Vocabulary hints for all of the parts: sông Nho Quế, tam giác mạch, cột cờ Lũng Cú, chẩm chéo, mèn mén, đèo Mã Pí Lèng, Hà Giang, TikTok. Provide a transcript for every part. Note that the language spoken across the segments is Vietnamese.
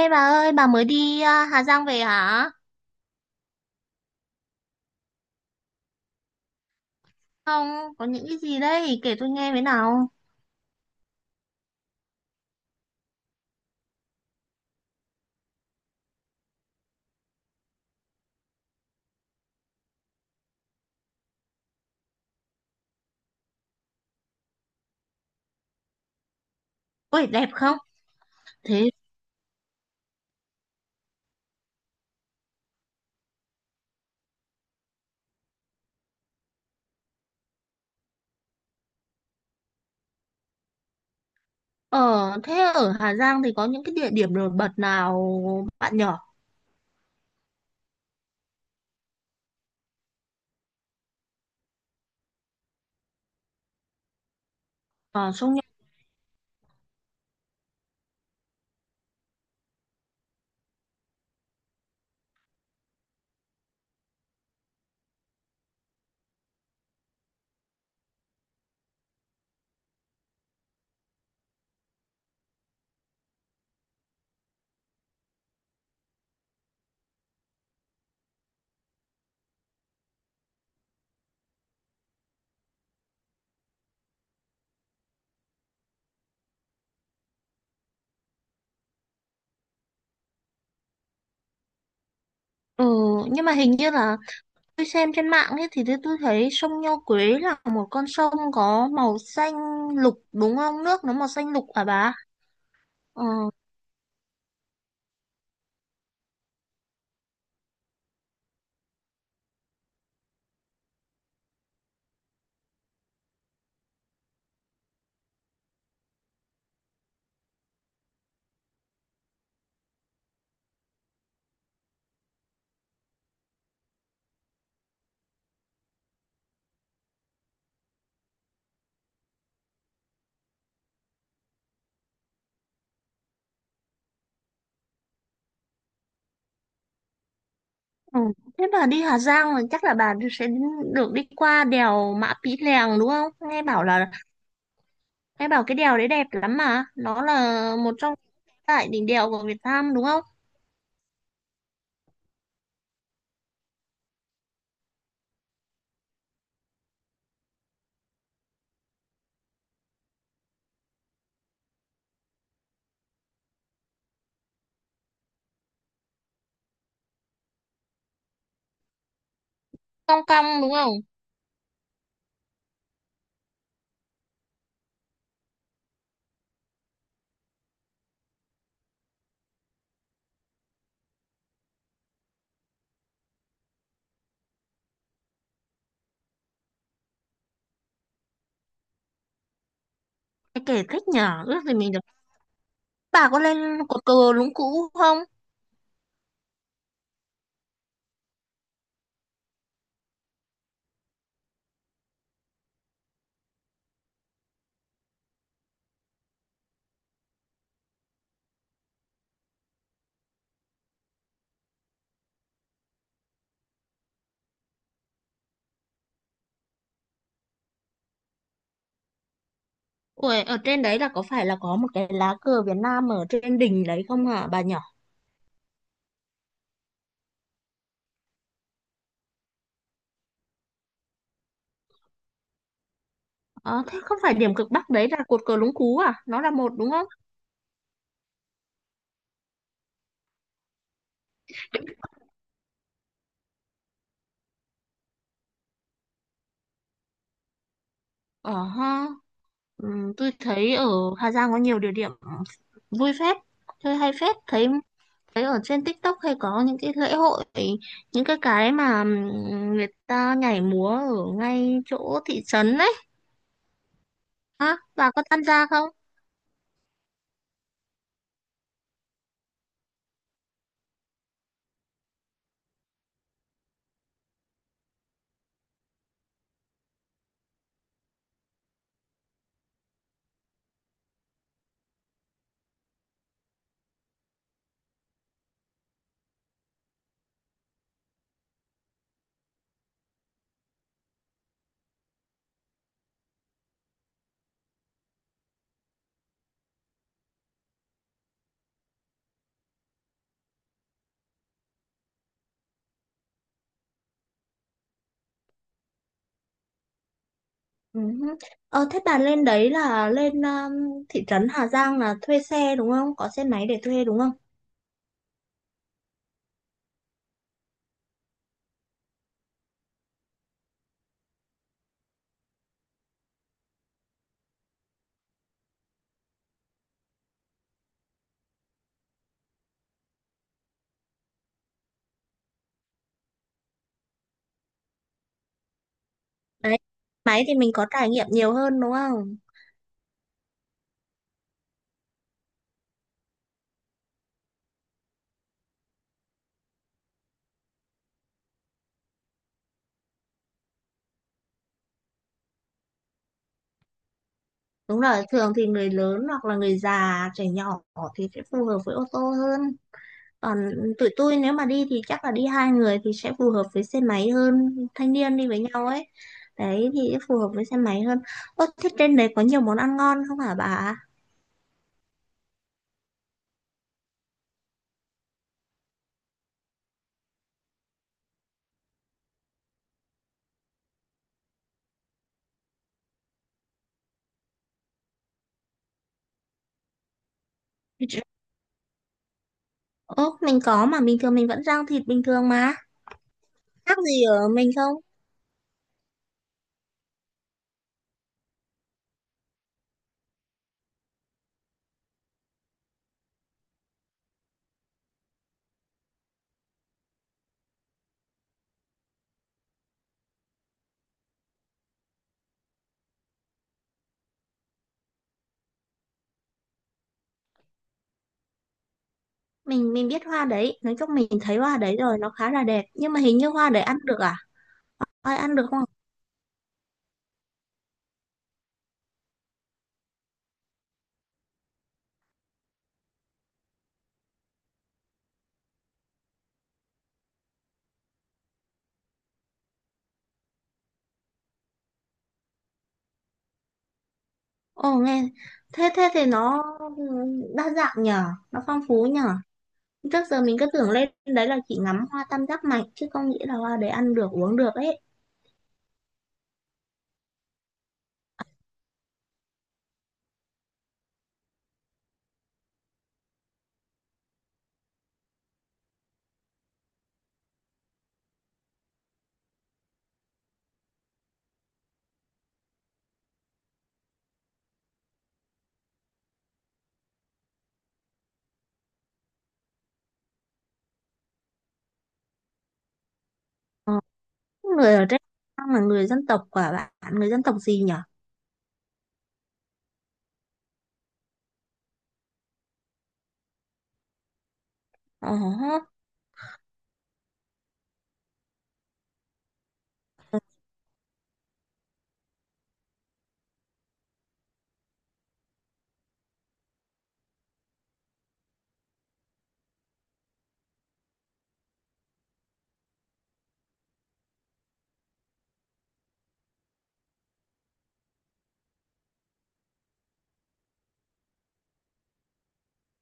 Ê bà ơi, bà mới đi à, Hà Giang về hả? Không, có những cái gì đấy, kể tôi nghe với nào. Ôi, đẹp không? Thế ở thế ở Hà Giang thì có những cái địa điểm nổi bật nào bạn nhỏ? Ờ, sông Nho. Ừ, nhưng mà hình như là tôi xem trên mạng ấy thì tôi thấy sông Nho Quế là một con sông có màu xanh lục đúng không? Nước nó màu xanh lục hả bà? Ờ, ừ. Thế bà đi Hà Giang là chắc là bà sẽ được đi qua đèo Mã Pí Lèng đúng không? Nghe bảo là nghe bảo cái đèo đấy đẹp lắm mà. Nó là một trong tại đỉnh đèo của Việt Nam đúng không? Cong cong đúng không? Nghe kể thích nhở, ước gì mình được. Bà có lên cột cờ Lũng Cú không? Ủa, ở trên đấy là có phải là có một cái lá cờ Việt Nam ở trên đỉnh đấy không hả bà nhỏ? Ờ, thế không phải điểm cực Bắc đấy là cột cờ Lũng Cú à? Nó là một đúng không? Ờ ha, ừm, tôi thấy ở Hà Giang có nhiều địa điểm vui phết, chơi hay phết, thấy thấy ở trên TikTok hay có những cái lễ hội những cái mà người ta nhảy múa ở ngay chỗ thị trấn đấy á bà có tham gia không? Ừ. Ờ, thế bà lên đấy là lên thị trấn Hà Giang là thuê xe đúng không? Có xe máy để thuê đúng không? Đấy máy thì mình có trải nghiệm nhiều hơn đúng không? Đúng rồi, thường thì người lớn hoặc là người già, trẻ nhỏ thì sẽ phù hợp với ô tô hơn. Còn tụi tôi nếu mà đi thì chắc là đi hai người thì sẽ phù hợp với xe máy hơn, thanh niên đi với nhau ấy, đấy thì phù hợp với xe máy hơn. Ơ thế trên đấy có nhiều món ăn ngon không hả bà? Ơ mình có mà bình thường mình vẫn rang thịt bình thường mà, khác gì ở mình không? Mình biết hoa đấy, nói chung mình thấy hoa đấy rồi, nó khá là đẹp nhưng mà hình như hoa đấy ăn được à? Ai ăn được không? Ồ nghe, thế thế thì nó đa dạng nhở, nó phong phú nhở. Trước giờ mình cứ tưởng lên đấy là chỉ ngắm hoa tam giác mạch chứ không nghĩ là hoa đấy ăn được uống được ấy. Người ở trên Trang là người dân tộc quả bạn, người dân tộc gì nhở? Ồ,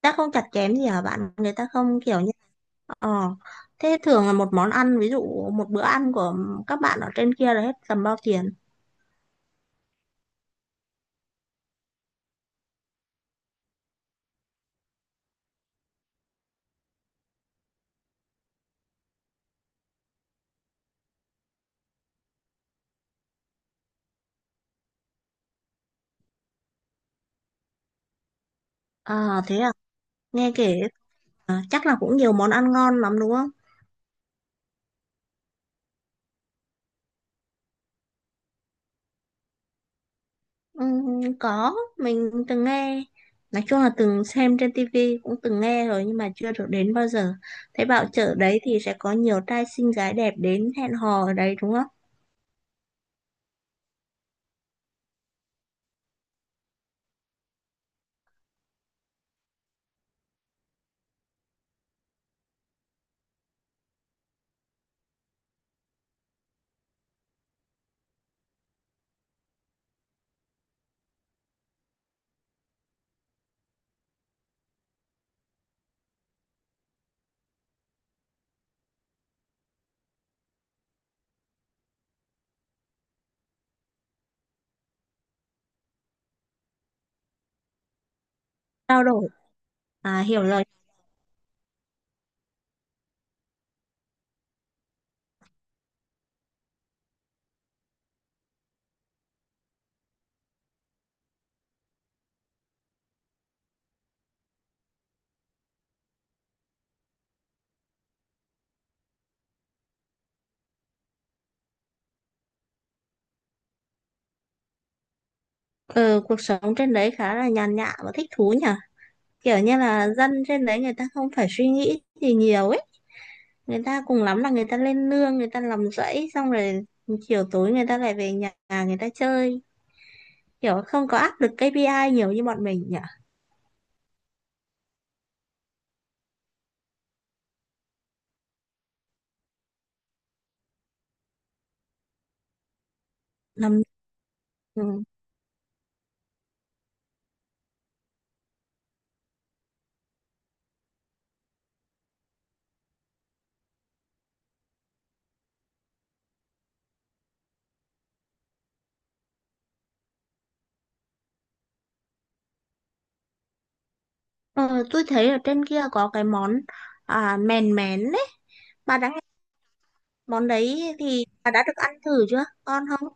ta không chặt chém gì hả bạn? Người ta không kiểu như, ờ thế thường là một món ăn ví dụ một bữa ăn của các bạn ở trên kia là hết tầm bao tiền? À thế à, nghe kể à, chắc là cũng nhiều món ăn ngon lắm đúng không? Có, mình từng nghe, nói chung là từng xem trên tivi cũng từng nghe rồi nhưng mà chưa được đến bao giờ. Thế bảo chợ đấy thì sẽ có nhiều trai xinh gái đẹp đến hẹn hò ở đấy đúng không? Trao đổi, à hiểu rồi. Ừ, cuộc sống trên đấy khá là nhàn nhã và thích thú nhỉ, kiểu như là dân trên đấy người ta không phải suy nghĩ gì nhiều ấy, người ta cùng lắm là người ta lên nương người ta làm rẫy xong rồi chiều tối người ta lại về nhà, người ta chơi, kiểu không có áp lực KPI nhiều như bọn mình nhỉ. Làm ừ. Ờ, tôi thấy ở trên kia có cái món à, mèn mén đấy. Bà đã nghe món đấy thì bà đã được ăn thử chưa? Ngon không?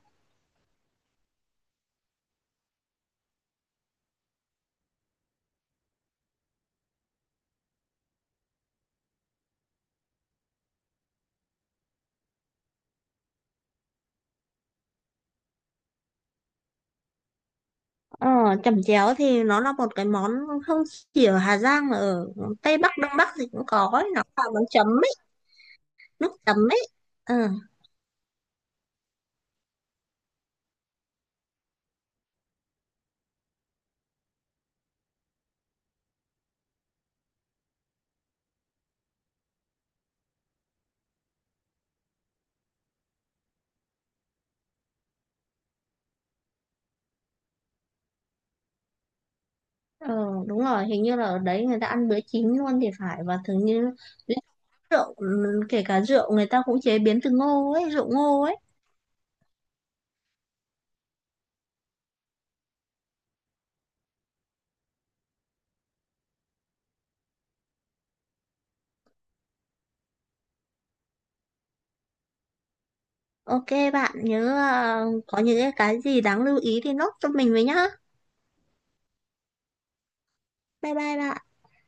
Ờ, chẩm chéo thì nó là một cái món không chỉ ở Hà Giang mà ở Tây Bắc, Đông Bắc thì cũng có ấy. Nó là món chấm ấy, nước chấm ấy. Ừ, ờ, đúng rồi, hình như là ở đấy người ta ăn bữa chín luôn thì phải, và thường như rượu, ừ, kể cả rượu người ta cũng chế biến từ ngô ấy, rượu ngô ấy. Ok bạn nhớ à, có những cái gì đáng lưu ý thì nốt cho mình với nhá. Bye bye bạn.